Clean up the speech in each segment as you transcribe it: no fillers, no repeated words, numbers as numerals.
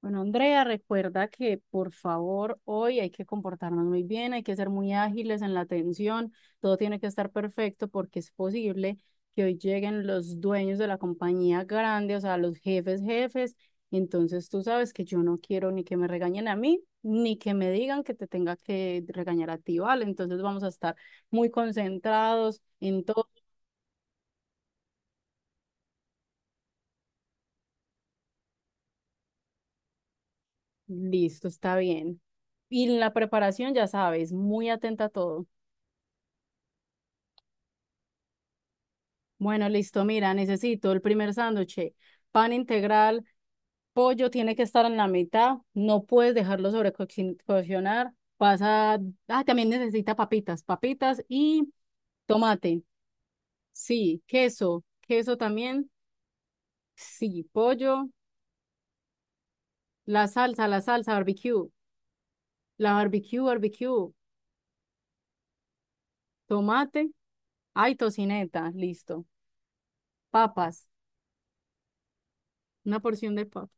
Bueno, Andrea, recuerda que por favor hoy hay que comportarnos muy bien, hay que ser muy ágiles en la atención, todo tiene que estar perfecto porque es posible que hoy lleguen los dueños de la compañía grande, o sea, los jefes, jefes. Entonces tú sabes que yo no quiero ni que me regañen a mí, ni que me digan que te tenga que regañar a ti, ¿vale? Entonces vamos a estar muy concentrados en todo. Listo, está bien. Y la preparación, ya sabes, muy atenta a todo. Bueno, listo. Mira, necesito el primer sándwich, pan integral, pollo tiene que estar en la mitad, no puedes dejarlo sobrecocinar. Vas a... Ah, también necesita papitas, papitas y tomate. Sí, queso, queso también. Sí, pollo, la salsa barbecue, la barbecue, barbecue, tomate, ay, tocineta, listo. Papas, una porción de papas.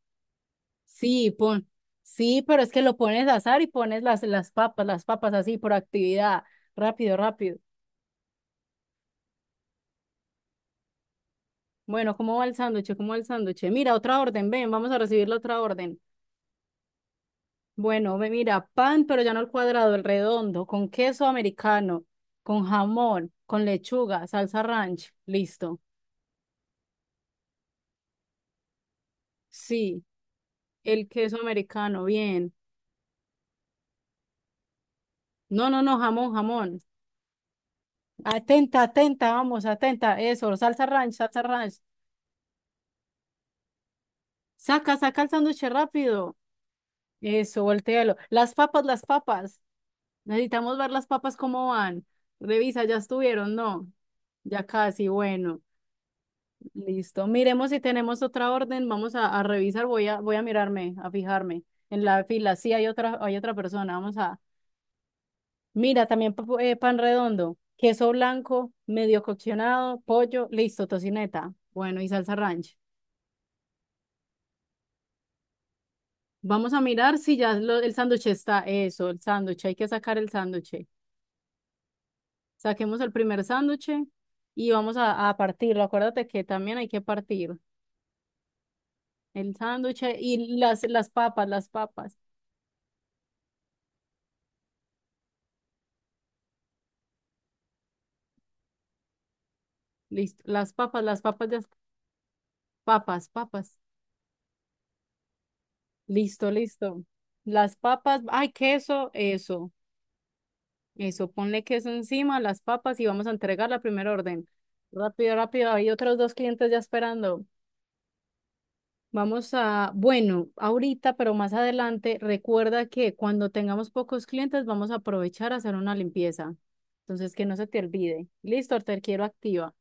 Sí, pon, sí, pero es que lo pones a asar y pones las papas, las papas así por actividad. Rápido, rápido. Bueno, ¿cómo va el sándwich? ¿Cómo va el sándwich? Mira, otra orden, ven, vamos a recibir la otra orden. Bueno, ve, mira, pan, pero ya no el cuadrado, el redondo, con queso americano, con jamón, con lechuga, salsa ranch, listo. Sí, el queso americano, bien. No, no, no, jamón, jamón. Atenta, atenta, vamos, atenta, eso, salsa ranch, salsa ranch. Saca, saca el sándwich rápido. Eso, voltéalo. Las papas, las papas. Necesitamos ver las papas cómo van. Revisa, ya estuvieron, ¿no? Ya casi, bueno, listo. Miremos si tenemos otra orden. Vamos a revisar, voy a, voy a mirarme, a fijarme. En la fila, sí, hay otra persona. Vamos a. Mira, también pa- pan redondo, queso blanco, medio coccionado, pollo, listo, tocineta. Bueno, y salsa ranch. Vamos a mirar si ya lo- el sándwich está. Eso, el sándwich, hay que sacar el sándwich. Saquemos el primer sándwich y vamos a partirlo. Acuérdate que también hay que partir el sándwich y las papas, las papas. Listo. Las papas, las papas, las papas, papas. Listo, listo. Las papas, ay, queso, eso, eso. Ponle queso encima, las papas y vamos a entregar la primera orden. Rápido, rápido. Hay otros dos clientes ya esperando. Vamos a, bueno, ahorita, pero más adelante, recuerda que cuando tengamos pocos clientes vamos a aprovechar a hacer una limpieza. Entonces, que no se te olvide. Listo, te quiero activa.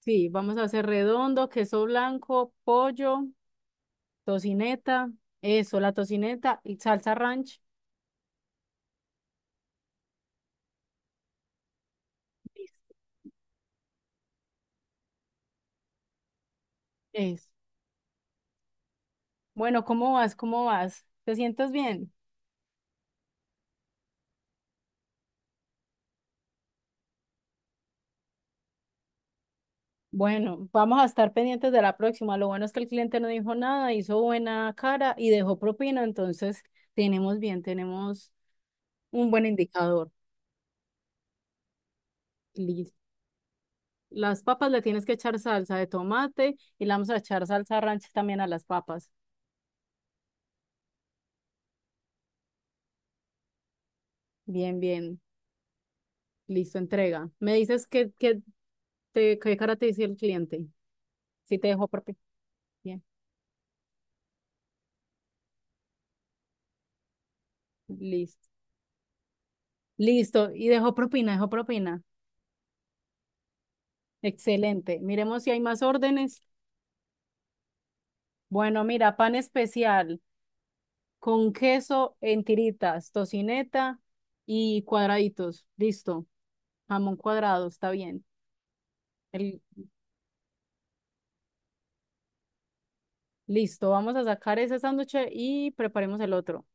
Sí, vamos a hacer redondo, queso blanco, pollo, tocineta, eso, la tocineta y salsa ranch. Eso. Bueno, ¿cómo vas? ¿Cómo vas? ¿Te sientes bien? Bueno, vamos a estar pendientes de la próxima. Lo bueno es que el cliente no dijo nada, hizo buena cara y dejó propina, entonces tenemos bien, tenemos un buen indicador. Listo. Las papas le tienes que echar salsa de tomate y le vamos a echar salsa ranch también a las papas. Bien, bien. Listo, entrega. Me dices que te, qué cara te dice el cliente. Si te dejó propina. Bien, listo. Listo. Y dejó propina, dejó propina. Excelente. Miremos si hay más órdenes. Bueno, mira, pan especial. Con queso en tiritas, tocineta y cuadraditos. Listo. Jamón cuadrado, está bien. El, listo, vamos a sacar ese sándwich y preparemos el otro.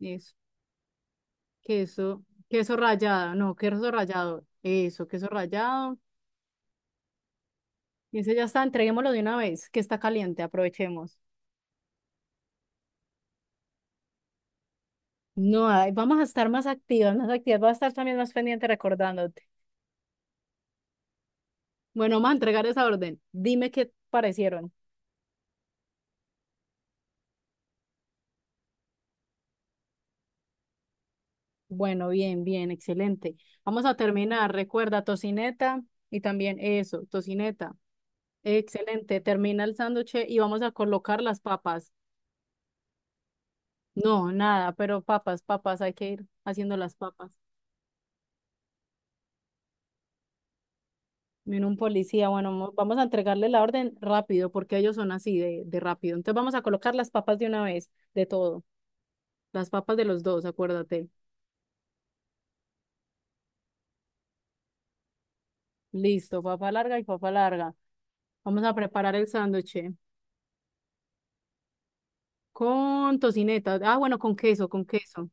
Eso. Queso, queso rallado, no, queso rallado. Eso, queso rallado. Y ese ya está, entreguémoslo de una vez, que está caliente, aprovechemos. No, ay, vamos a estar más activas, más activas. Vas a estar también más pendiente recordándote. Bueno, vamos a entregar esa orden. Dime qué parecieron. Bueno, bien, bien, excelente. Vamos a terminar. Recuerda, tocineta y también eso, tocineta. Excelente. Termina el sándwich y vamos a colocar las papas. No, nada, pero papas, papas, hay que ir haciendo las papas. Viene un policía, bueno, mo- vamos a entregarle la orden rápido porque ellos son así de rápido. Entonces vamos a colocar las papas de una vez, de todo. Las papas de los dos, acuérdate. Listo, papa larga y papa larga. Vamos a preparar el sándwich con tocineta. Ah, bueno, con queso, con queso.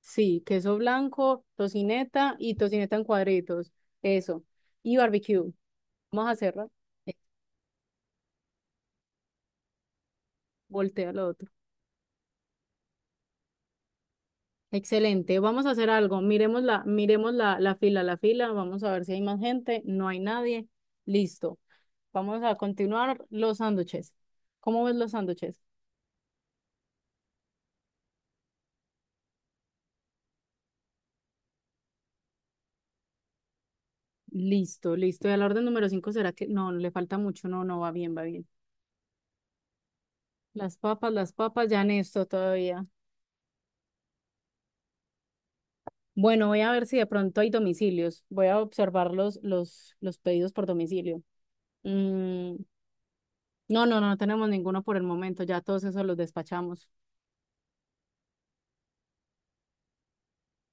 Sí, queso blanco, tocineta y tocineta en cuadritos. Eso. Y barbecue. Vamos a hacerla. Eh, Voltea lo otro. Excelente. Vamos a hacer algo. Miremos la, la fila, la fila. Vamos a ver si hay más gente. No hay nadie. Listo. Vamos a continuar los sándwiches. ¿Cómo ves los sándwiches? Listo, listo. Y al orden número cinco será que no, le falta mucho. No, no, va bien, va bien. Las papas, ya en esto todavía. Bueno, voy a ver si de pronto hay domicilios. Voy a observar los pedidos por domicilio. Mm, no, no, no tenemos ninguno por el momento. Ya todos esos los despachamos.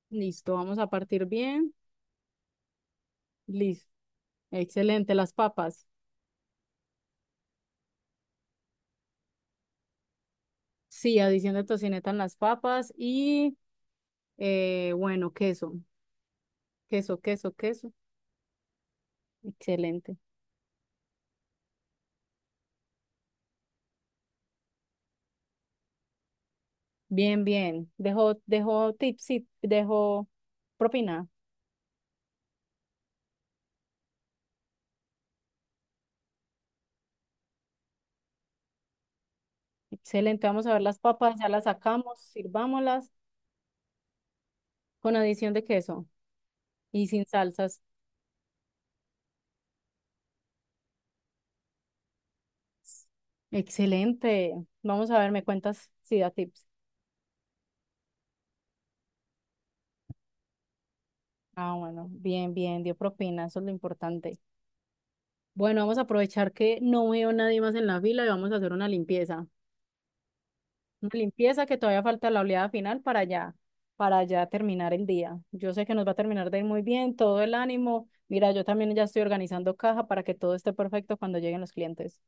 Listo, vamos a partir bien. Listo. Excelente, las papas. Sí, adición de tocineta en las papas y bueno, queso. Queso, queso, queso. Excelente. Bien, bien. Dejo, dejo tips, sí, dejo propina. Excelente, vamos a ver las papas, ya las sacamos, sirvámoslas con adición de queso. Y sin salsas. Excelente. Vamos a ver, me cuentas si da tips. Ah, bueno, bien, bien, dio propina, eso es lo importante. Bueno, vamos a aprovechar que no veo nadie más en la fila y vamos a hacer una limpieza. Una limpieza que todavía falta la oleada final para ya terminar el día. Yo sé que nos va a terminar de ir muy bien, todo el ánimo. Mira, yo también ya estoy organizando caja para que todo esté perfecto cuando lleguen los clientes.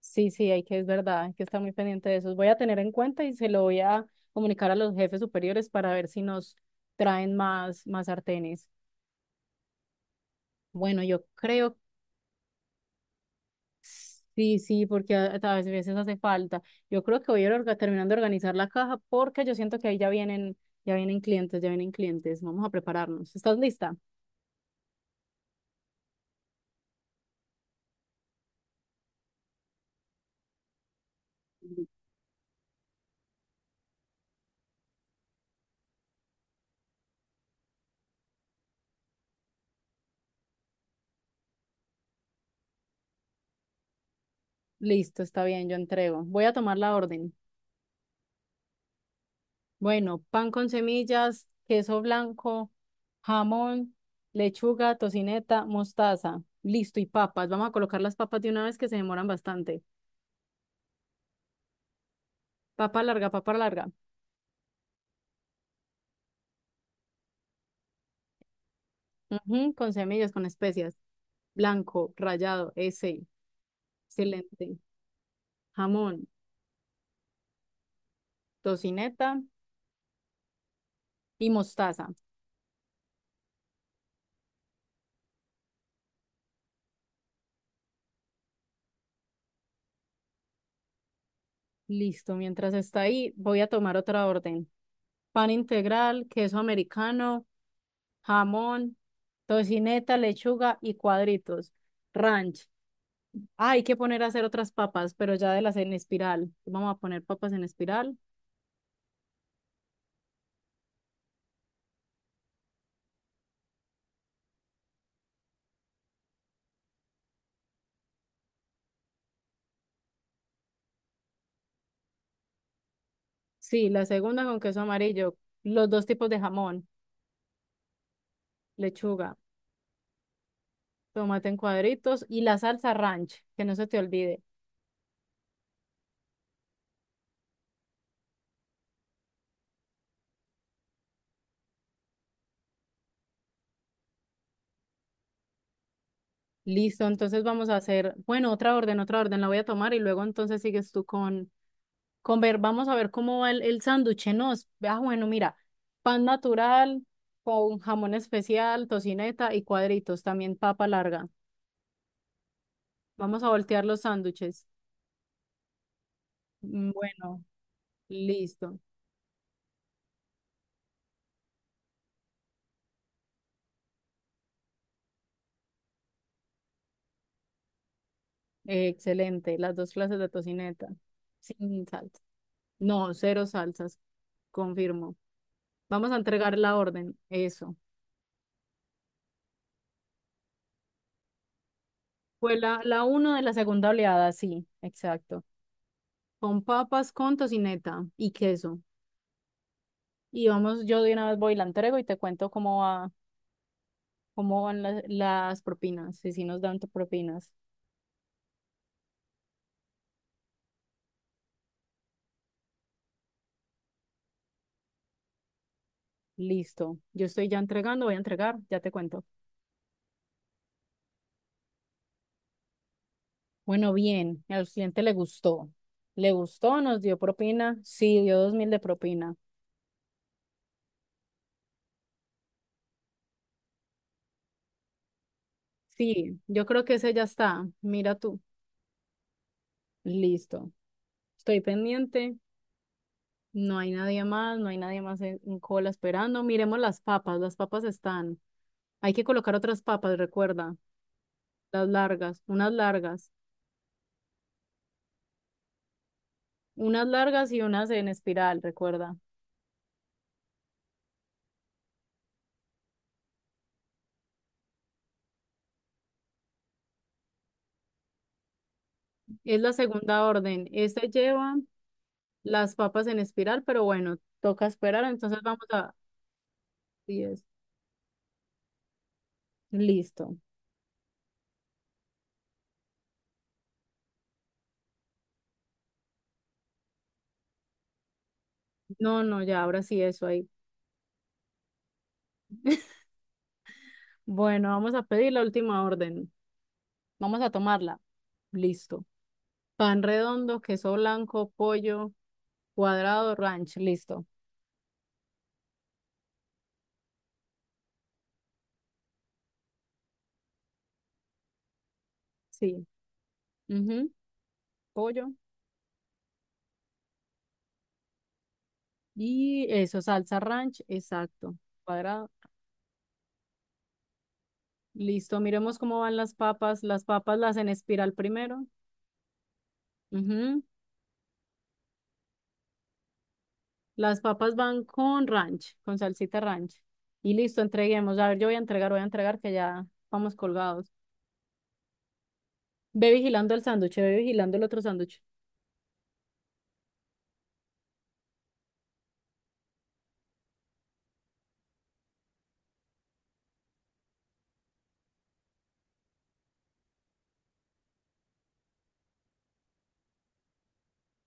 Sí, sí, hay que, es verdad, hay que estar muy pendiente de eso. Voy a tener en cuenta y se lo voy a comunicar a los jefes superiores para ver si nos traen más, más sartenes. Bueno, yo creo, sí, sí, porque a veces hace falta. Yo creo que voy a ir orga- terminando de organizar la caja porque yo siento que ahí ya vienen clientes, ya vienen clientes. Vamos a prepararnos. ¿Estás lista? Listo, está bien, yo entrego. Voy a tomar la orden. Bueno, pan con semillas, queso blanco, jamón, lechuga, tocineta, mostaza. Listo, y papas. Vamos a colocar las papas de una vez que se demoran bastante. Papa larga, papa larga. Ujú, con semillas, con especias. Blanco, rallado, ese. Excelente. Jamón, tocineta y mostaza. Listo, mientras está ahí, voy a tomar otra orden. Pan integral, queso americano, jamón, tocineta, lechuga y cuadritos. Ranch. Ah, hay que poner a hacer otras papas, pero ya de las en espiral. Vamos a poner papas en espiral. Sí, la segunda con queso amarillo, los dos tipos de jamón, lechuga, tomate en cuadritos y la salsa ranch, que no se te olvide. Listo, entonces vamos a hacer, bueno, otra orden, la voy a tomar y luego entonces sigues tú con ver, vamos a ver cómo va el sándwich, ¿no? es, Ah, bueno, mira, pan natural con jamón especial, tocineta y cuadritos, también papa larga. Vamos a voltear los sándwiches. Bueno. Listo. Excelente. Las dos clases de tocineta. Sin salsa. No, cero salsas. Confirmo. Vamos a entregar la orden. Eso. Fue la, la uno de la segunda oleada, sí, exacto. Con papas, con tocineta y queso. Y vamos, yo de una vez voy y la entrego y te cuento cómo va, cómo van las propinas, si sí nos dan propinas. Listo. Yo estoy ya entregando, voy a entregar, ya te cuento. Bueno, bien, al cliente le gustó. Le gustó, nos dio propina. Sí, dio 2.000 de propina. Sí, yo creo que ese ya está. Mira tú. Listo. Estoy pendiente. No hay nadie más, no hay nadie más en cola esperando. Miremos las papas están. Hay que colocar otras papas, recuerda. Las largas, unas largas. Unas largas y unas en espiral, recuerda. Es la segunda orden. Esta lleva las papas en espiral, pero bueno, toca esperar. Entonces vamos a... 10 Listo. No, no, ya, ahora sí eso ahí. Bueno, vamos a pedir la última orden. Vamos a tomarla. Listo. Pan redondo, queso blanco, pollo, cuadrado, ranch. Listo. Sí. Ujú, Pollo. Y eso, salsa ranch. Exacto. Cuadrado. Listo. Miremos cómo van las papas. Las papas las en espiral primero. Ujú, Las papas van con ranch, con salsita ranch. Y listo, entreguemos. A ver, yo voy a entregar que ya vamos colgados. Ve vigilando el sándwich, ve vigilando el otro sándwich.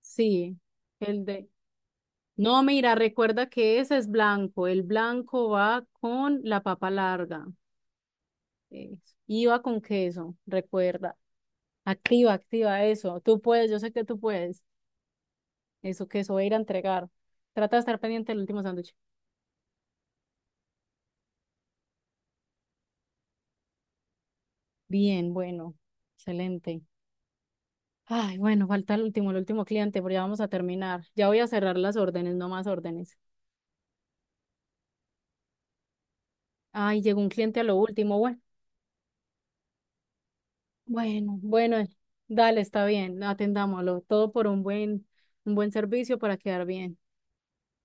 Sí, el de... No, mira, recuerda que ese es blanco. El blanco va con la papa larga. Eso. Y va con queso, recuerda. Activa, activa eso. Tú puedes, yo sé que tú puedes. Eso, queso, voy a ir a entregar. Trata de estar pendiente del último sándwich. Bien, bueno, excelente. Ay, bueno, falta el último cliente, pero ya vamos a terminar. Ya voy a cerrar las órdenes, no más órdenes. Ay, llegó un cliente a lo último. Bueno. Bueno, bueno, dale, está bien, atendámoslo. Todo por un buen servicio para quedar bien.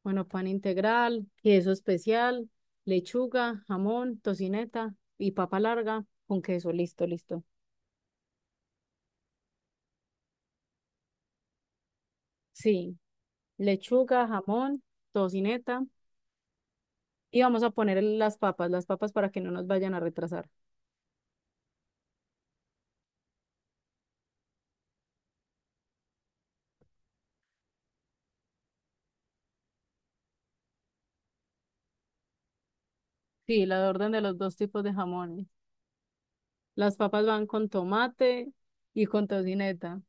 Bueno, pan integral, queso especial, lechuga, jamón, tocineta y papa larga con queso. Listo, listo. Sí, lechuga, jamón, tocineta. Y vamos a poner el- las papas para que no nos vayan a retrasar. Sí, la orden de los dos tipos de jamones. Las papas van con tomate y con tocineta.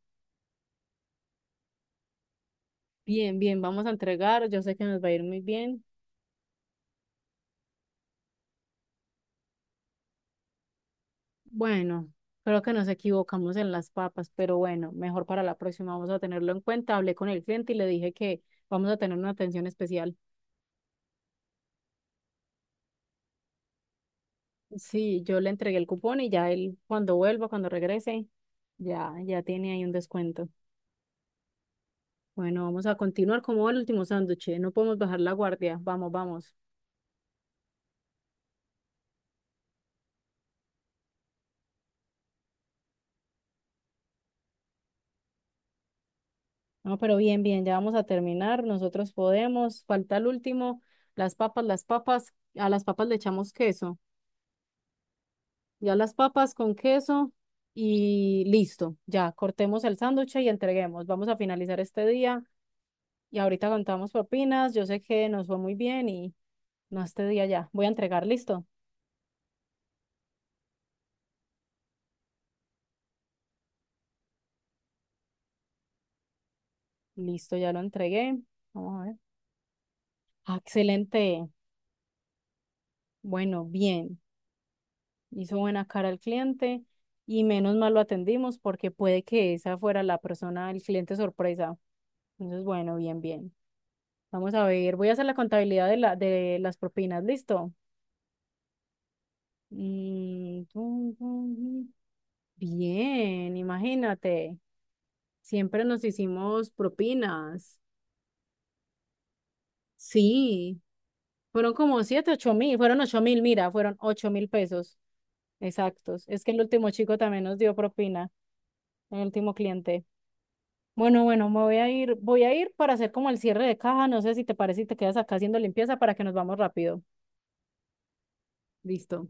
Bien, bien, vamos a entregar. Yo sé que nos va a ir muy bien. Bueno, creo que nos equivocamos en las papas, pero bueno, mejor para la próxima vamos a tenerlo en cuenta. Hablé con el cliente y le dije que vamos a tener una atención especial. Sí, yo le entregué el cupón y ya él cuando vuelva, cuando regrese, ya, ya tiene ahí un descuento. Bueno, vamos a continuar como el último sándwich. ¿Eh? No podemos bajar la guardia. Vamos, vamos. No, pero bien, bien, ya vamos a terminar. Nosotros podemos. Falta el último. Las papas, las papas. A las papas le echamos queso. Ya las papas con queso y listo. Ya cortemos el sándwich y entreguemos. Vamos a finalizar este día y ahorita contamos propinas. Yo sé que nos fue muy bien y no este día ya. Voy a entregar, listo. Listo, ya lo entregué. Vamos a ver. Ah, Excelente. Bueno, bien. Hizo buena cara el cliente y menos mal lo atendimos porque puede que esa fuera la persona, el cliente sorpresa. Entonces, bueno, bien, bien. Vamos a ver. Voy a hacer la contabilidad de la, de las propinas, listo. Mm, tum, tum, tum. Bien, imagínate. Siempre nos hicimos propinas. Sí, fueron como siete, 8.000, fueron 8.000, mira, fueron 8.000 pesos exactos. Es que el último chico también nos dio propina, el último cliente. Bueno, bueno, me voy a ir para hacer como el cierre de caja. No sé si te parece y te quedas acá haciendo limpieza para que nos vamos rápido. Listo.